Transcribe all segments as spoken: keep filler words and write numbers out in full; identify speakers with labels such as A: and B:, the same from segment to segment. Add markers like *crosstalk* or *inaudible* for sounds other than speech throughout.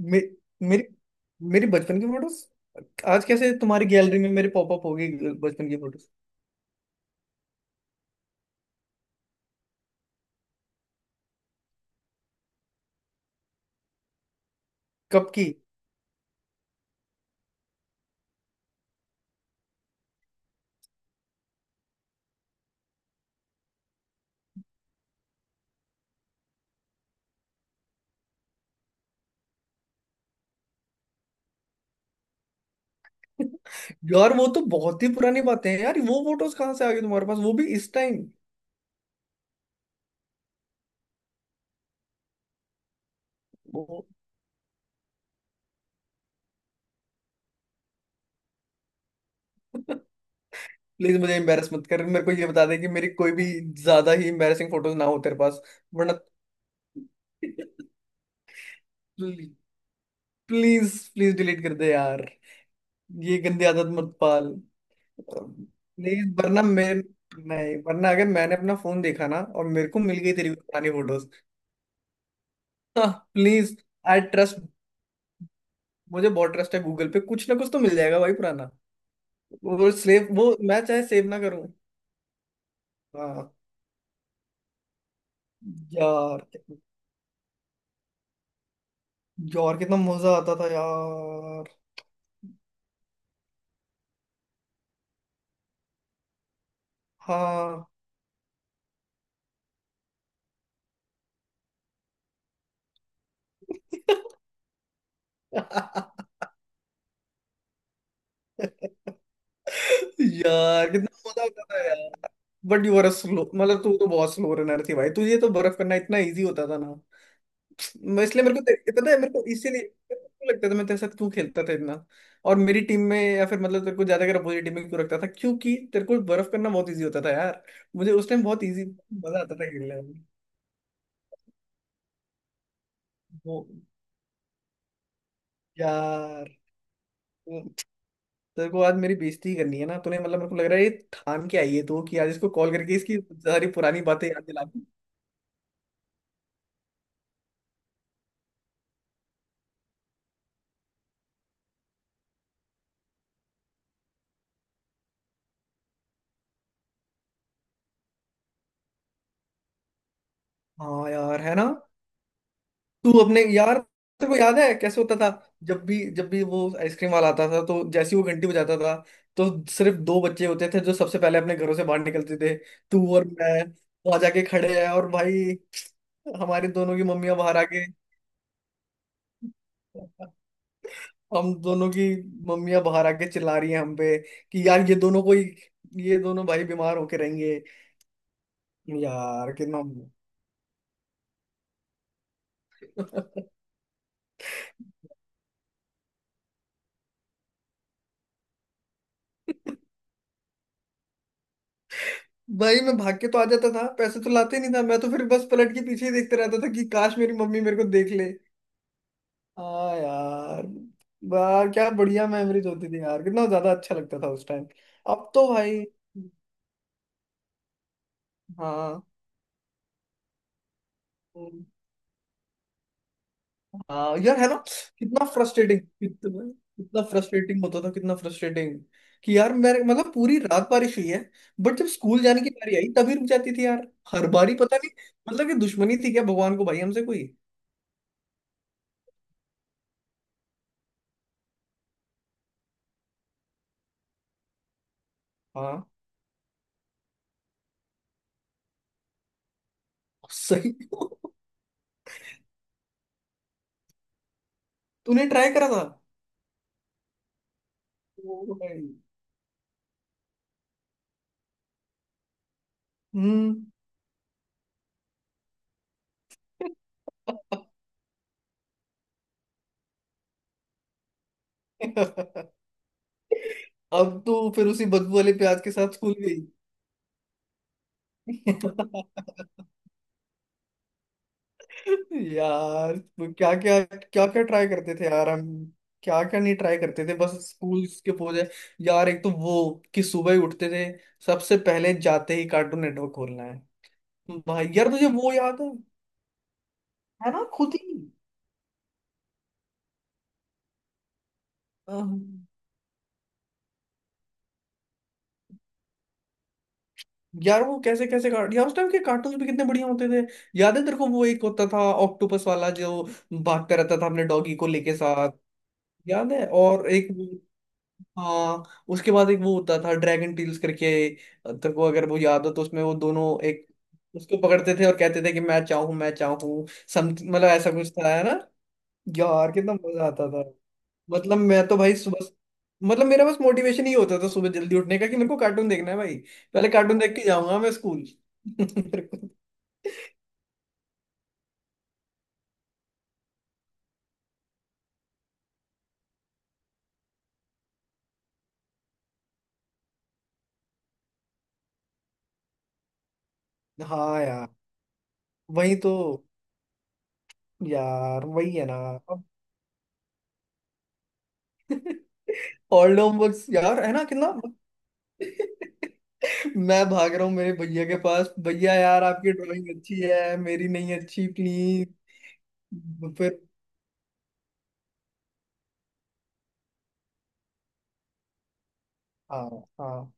A: मे, मेरी मेरी बचपन की फोटोज आज कैसे तुम्हारी गैलरी में मेरे पॉपअप हो गई? बचपन की फोटोज कब की? यार वो तो बहुत ही पुरानी बातें हैं यार, वो फोटोज कहाँ से आ गई तुम्हारे पास वो भी इस टाइम? वो *laughs* प्लीज मुझे एम्बेरस मत कर। मेरे को ये बता दे कि मेरी कोई भी ज्यादा ही एम्बेरसिंग फोटोज ना हो तेरे पास, वरना *laughs* प्लीज प्लीज डिलीट कर दे यार। ये गंदी आदत मत पाल। प्लीज वरना मैं, नहीं वरना अगर मैंने अपना फोन देखा ना और मेरे को मिल गई तेरी पुरानी फोटोज। हाँ प्लीज, आई ट्रस्ट, मुझे बहुत ट्रस्ट है गूगल पे, कुछ ना कुछ तो मिल जाएगा भाई पुराना। वो सेव वो मैं चाहे सेव ना करूं। हाँ यार। यार कितना मजा आता था यार। हाँ *laughs* यार कितना मजा आता था यार। बट यू आर स्लो, मतलब तू तो बहुत स्लो रनर थी भाई, तुझे तो बर्फ करना इतना इजी होता था। मैं इसलिए मेरे को ते- इतना है, मेरे को इसीलिए मेरे को क्यों लगता था मैं तेरे साथ क्यों खेलता था इतना। और मेरी टीम में या फिर मतलब तेरे को ज्यादा अगर अपोजिट टीम में क्यों रखता था, क्योंकि तेरे को बर्फ करना बहुत इजी होता था यार। मुझे उस टाइम बहुत इजी मजा आता था खेलने में। वो यार वो- तेरे को आज मेरी बेइज्जती करनी है ना, तूने मतलब मेरे को लग रहा है ये ठान के आई है तू कि आज इसको कॉल करके इसकी सारी पुरानी बातें याद दिला दूं। हाँ यार है ना। तू अपने यार तेरे को याद है कैसे होता था? जब भी जब भी वो आइसक्रीम वाला आता था तो जैसे ही वो घंटी बजाता था, तो सिर्फ दो बच्चे होते थे जो सबसे पहले अपने घरों से बाहर निकलते थे, तू और मैं। वहां जाके खड़े हैं और भाई, हमारे दोनों की मम्मियां बाहर आके हम दोनों की मम्मियां बाहर आके चिल्ला रही हैं हम पे कि यार ये दोनों कोई ये दोनों भाई बीमार होके रहेंगे। यार कितना *laughs* भाई मैं भाग के तो आ जाता था, पैसे तो लाते नहीं था, मैं तो फिर बस पलट के पीछे ही देखते रहता था कि काश मेरी मम्मी मेरे को देख ले। हाँ यार। वाह क्या बढ़िया मेमोरीज होती थी यार, कितना ज्यादा अच्छा लगता था उस टाइम। अब तो भाई। हाँ। हाँ यार है ना। कितना फ्रस्ट्रेटिंग, कितना कितना फ्रस्ट्रेटिंग होता था, कितना फ्रस्ट्रेटिंग कि यार मेरे मतलब पूरी रात बारिश हुई है। बट जब स्कूल जाने की बारी आई तभी रुक जाती थी यार। हर बारी पता नहीं, मतलब कि दुश्मनी थी क्या भगवान को भाई हमसे कोई? हाँ सही *laughs* तूने ट्राई करा था? वो भाई। हम्म। *laughs* अब तो फिर उसी बदबू वाले प्याज के साथ स्कूल गई। *laughs* यार, तो क्या क्या क्या क्या ट्राई करते थे यार हम? क्या क्या नहीं ट्राई करते थे, बस स्कूल के पोजे। यार एक तो वो कि सुबह ही उठते थे, सबसे पहले जाते ही कार्टून नेटवर्क खोलना है। भाई यार तुझे वो याद है? है ना, खुद ही। यार वो कैसे कैसे कार्ट यार उस टाइम के कार्टून भी कितने बढ़िया होते थे। याद है तेरे को वो एक होता था ऑक्टोपस वाला, जो भागता रहता था अपने डॉगी को लेके साथ? याद है, और एक वो- हाँ उसके बाद एक वो होता था ड्रैगन टील्स करके। तेरे को अगर वो याद हो, तो उसमें वो दोनों एक उसको पकड़ते थे और कहते थे कि मैं चाहूं मैं चाहूं। सम मतलब ऐसा कुछ था है ना। यार कितना मजा आता था। मतलब मैं तो भाई सुबह मतलब मेरा बस मोटिवेशन ही होता था सुबह जल्दी उठने का, कि मेरे को कार्टून देखना है भाई। पहले कार्टून देख के जाऊंगा मैं स्कूल। *laughs* मेरे को- हाँ यार वही तो। यार वही है ना। अब *laughs* ओल्ड होमवर्क यार है ना कितना। *laughs* मैं भाग रहा हूँ मेरे भैया के पास, भैया यार आपकी ड्राइंग अच्छी है, मेरी नहीं अच्छी, प्लीज। फिर। हाँ हाँ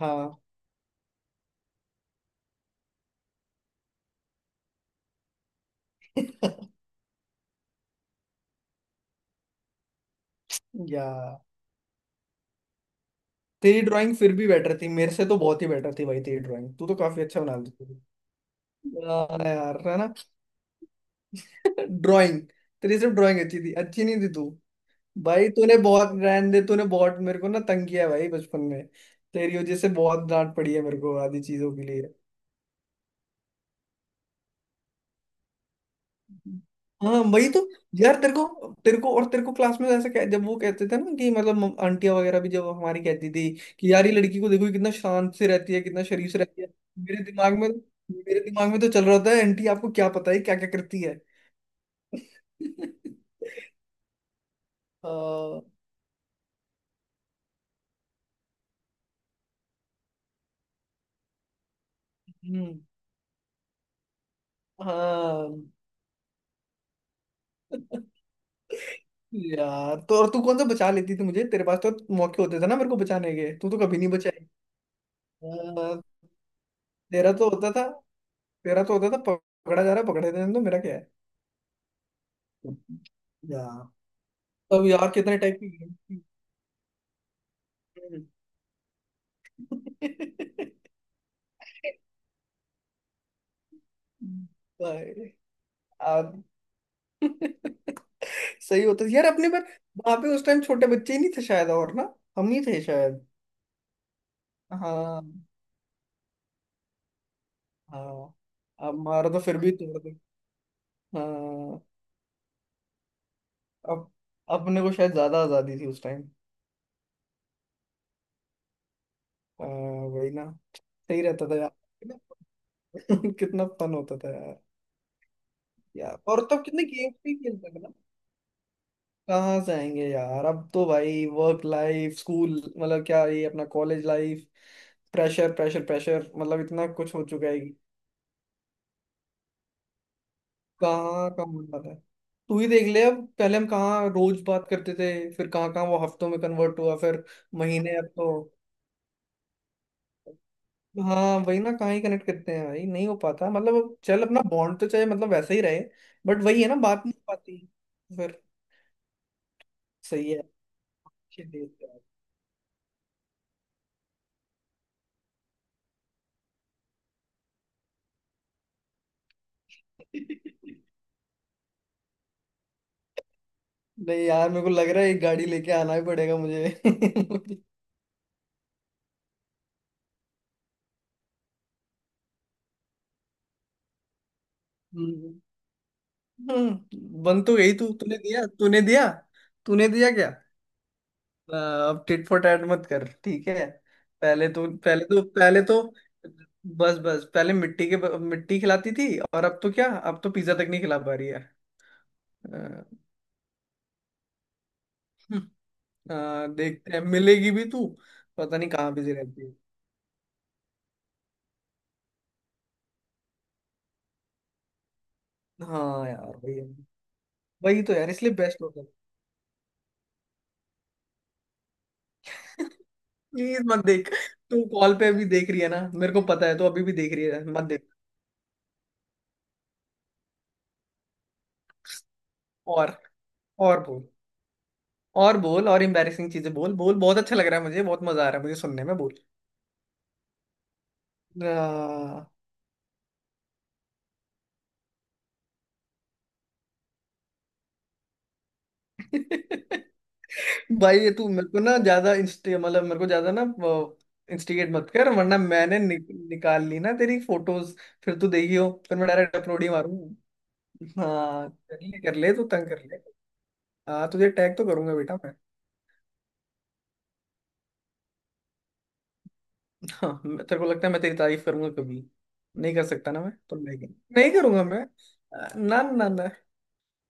A: हाँ। यार तेरी ड्राइंग फिर भी बेटर थी, मेरे से तो बहुत ही बेटर थी भाई, तेरी ड्राइंग तू तो काफी अच्छा बना लेती थी। हाँ यार है ना। *laughs* ड्राइंग तेरी सिर्फ ड्राइंग अच्छी थी, अच्छी नहीं थी तू। भाई तूने बहुत, रहने दे, तूने बहुत मेरे को ना तंग किया है भाई बचपन में। तेरी वजह से बहुत डांट पड़ी है मेरे को आधी चीजों के लिए। हाँ वही तो। यार तेरे को तेरे को और तेरे को क्लास में ऐसा कह- जब वो कहते थे ना कि मतलब मम- आंटियां वगैरह भी जब हमारी कहती थी कि यार ये लड़की को देखो, ये कितना शांत से रहती है, कितना शरीफ से रहती है। मेरे दिमाग में तो, मेरे दिमाग में तो चल रहा था आंटी आपको क्या पता है क्या क्या करती है। *laughs* अ, हम्म। हाँ यार, तो और तू कौन सा बचा लेती थी मुझे, तेरे पास तो मौके होते थे ना मेरे को बचाने के, तू तो कभी नहीं बचाई। हाँ, तेरा तो होता था तेरा तो होता था पकड़ा जा रहा, पकड़े देने, तो मेरा क्या है? यार तब यार कितने टाइप की गेम थी। *laughs* हम्म। भाई, आप *laughs* सही होता था। यार अपने पर वहां पे उस टाइम छोटे बच्चे ही नहीं थे शायद, और ना हम ही थे शायद। हाँ हाँ। अब हमारा तो फिर भी तोड़। हाँ अब अपने को शायद ज्यादा आजादी थी उस टाइम। वही ना। सही रहता था यार, कितना *laughs* कितना फन होता था यार। यार और तब कितने गेम्स भी खेलते थे ना। कहाँ से आएंगे यार, अब तो भाई वर्क लाइफ स्कूल मतलब क्या, ये अपना college life, pressure pressure pressure, मतलब इतना कुछ हो चुका है कि कहाँ कम हो पाता है। तू ही देख ले, अब पहले हम कहाँ रोज बात करते थे, फिर कहाँ कहाँ वो हफ्तों में कन्वर्ट हुआ, फिर महीने अब तो। हाँ वही ना, कहाँ ही कनेक्ट करते हैं भाई, नहीं हो पाता मतलब, अब चल अपना बॉन्ड तो चाहे मतलब वैसा ही रहे। बट वही है ना, बात नहीं हो पाती फिर। सही है, अच्छी देख यार। *laughs* नहीं यार, मेरे को लग रहा है एक गाड़ी लेके आना ही पड़ेगा मुझे *laughs* हम्म। हम्म, बन तो गई तू, तूने दिया तूने दिया, तूने दिया क्या? आ, अब टिट फॉर टैट मत कर, ठीक है। पहले तो पहले तो पहले तो बस बस पहले मिट्टी के मिट्टी खिलाती थी और अब तो क्या, अब तो पिज्जा तक नहीं खिला पा रही है अ, अ, देखते हैं मिलेगी भी तू। पता नहीं कहाँ बिजी रहती है। हाँ यार वही है। वही तो यार, इसलिए बेस्ट होता है। *laughs* प्लीज मत देख। तू कॉल पे अभी देख रही है ना, मेरे को पता है तू अभी भी देख रही है, मत देख। और और बोल, और बोल और एम्बैरेसिंग चीजें बोल बोल, बहुत अच्छा लग रहा है मुझे, बहुत मजा आ रहा है मुझे सुनने में, बोल। आ, *laughs* भाई ये तू मेरे को ना ज्यादा इंस्टी मतलब मेरे को ज्यादा ना इंस्टिगेट मत कर, वरना मैंने नि, निकाल ली ना तेरी फोटोज, फिर तू देगी हो, फिर मैं डायरेक्ट अपलोड ही मारूंगा। हाँ कर ले कर ले, तू तंग कर ले। हाँ तुझे टैग तो करूंगा बेटा मैं। हाँ मैं- तेरे को लगता है मैं तेरी तारीफ करूंगा कभी? नहीं कर सकता ना, मैं तो नहीं नहीं करूंगा मैं। आ, ना ना ना,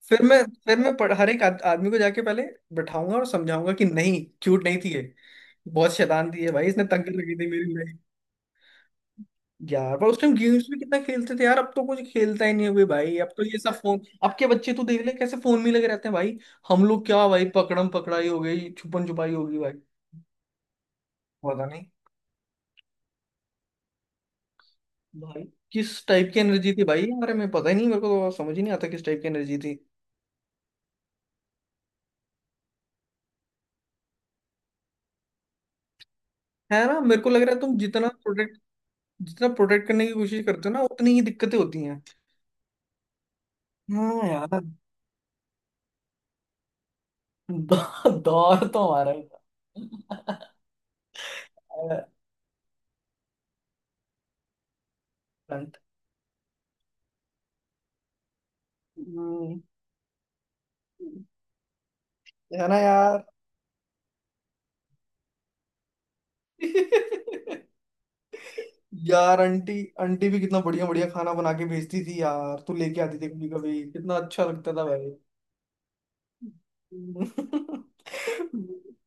A: फिर मैं फिर मैं पढ़, हर एक आद, आदमी को जाके पहले बैठाऊंगा और समझाऊंगा कि नहीं क्यूट नहीं थी ये। बहुत शैतान थी ये भाई, इसने तंग लगी थी मेरी भाई। यार पर उस टाइम गेम्स भी कितना खेलते थे यार, अब तो कुछ खेलता ही नहीं है कोई भाई, अब तो ये सब फोन, अब के बच्चे तो देख ले कैसे फोन में लगे रहते हैं भाई। हम लोग क्या भाई, पकड़म पकड़ाई हो गई, छुपन छुपाई होगी भाई। पता नहीं भाई किस टाइप की एनर्जी थी भाई हमारे में, पता ही नहीं, मेरे को तो समझ ही नहीं आता किस टाइप की एनर्जी थी। है ना, मेरे को लग रहा है तुम जितना प्रोटेक्ट, जितना प्रोटेक्ट करने की कोशिश करते हो ना, उतनी ही दिक्कतें होती हैं। हाँ यार। दौ, दौर तो हमारा ही था। अ, अंट- हम्म। है ना यार। यार आंटी, आंटी भी कितना बढ़िया बढ़िया खाना बना के भेजती थी यार, तू लेके आती थी कभी कभी, कितना अच्छा लगता था भाई। *laughs*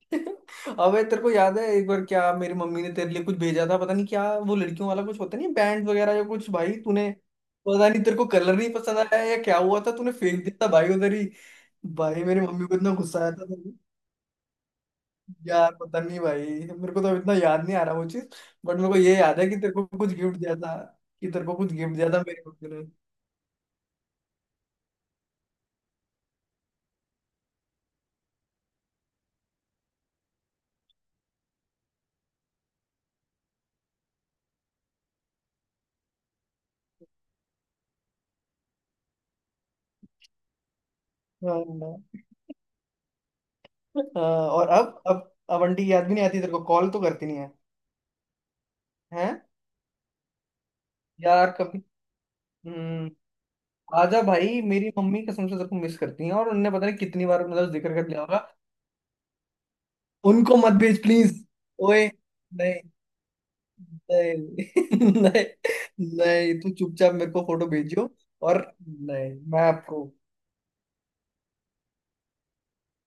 A: *laughs* अबे तेरे को याद है एक बार क्या मेरी मम्मी ने तेरे लिए कुछ भेजा था, पता नहीं क्या, वो लड़कियों वाला कुछ होता नहीं, बैंड वगैरह या कुछ, भाई तूने, पता नहीं तेरे को कलर नहीं पसंद आया या क्या हुआ था, तूने फेंक दिया था भाई उधर ही। भाई मेरी मम्मी को इतना गुस्सा आया था भाई। यार पता नहीं भाई, मेरे को तो अब इतना याद नहीं आ रहा वो चीज, बट मेरे को ये याद है कि तेरे को कुछ गिफ्ट दिया था, कि तेरे को कुछ गिफ्ट दिया था मेरी मम्मी ने। हाँ हाँ, और अब अब अब आंटी की याद भी नहीं आती, तेरे को कॉल तो करती नहीं है। हैं यार कभी। हम्म। आजा भाई, मेरी मम्मी कसम से तेरे को मिस करती हैं, और उनने पता नहीं कितनी बार मतलब जिक्र कर लिया होगा। उनको मत भेज प्लीज। ओए, नहीं नहीं *laughs* नहीं, नहीं तू चुपचाप मेरे को फोटो भेजियो और। नहीं मैं अप्रूव,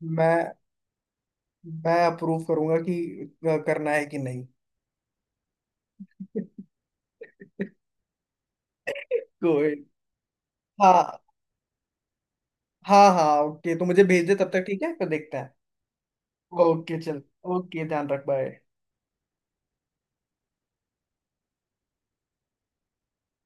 A: मैं मैं अप्रूव करूंगा कि अ, करना है कि नहीं। *laughs* कोई, हाँ हाँ हाँ ओके, तो मुझे भेज दे तब तक, ठीक है, फिर देखते हैं। ओके चल, ओके ध्यान रख, बाय।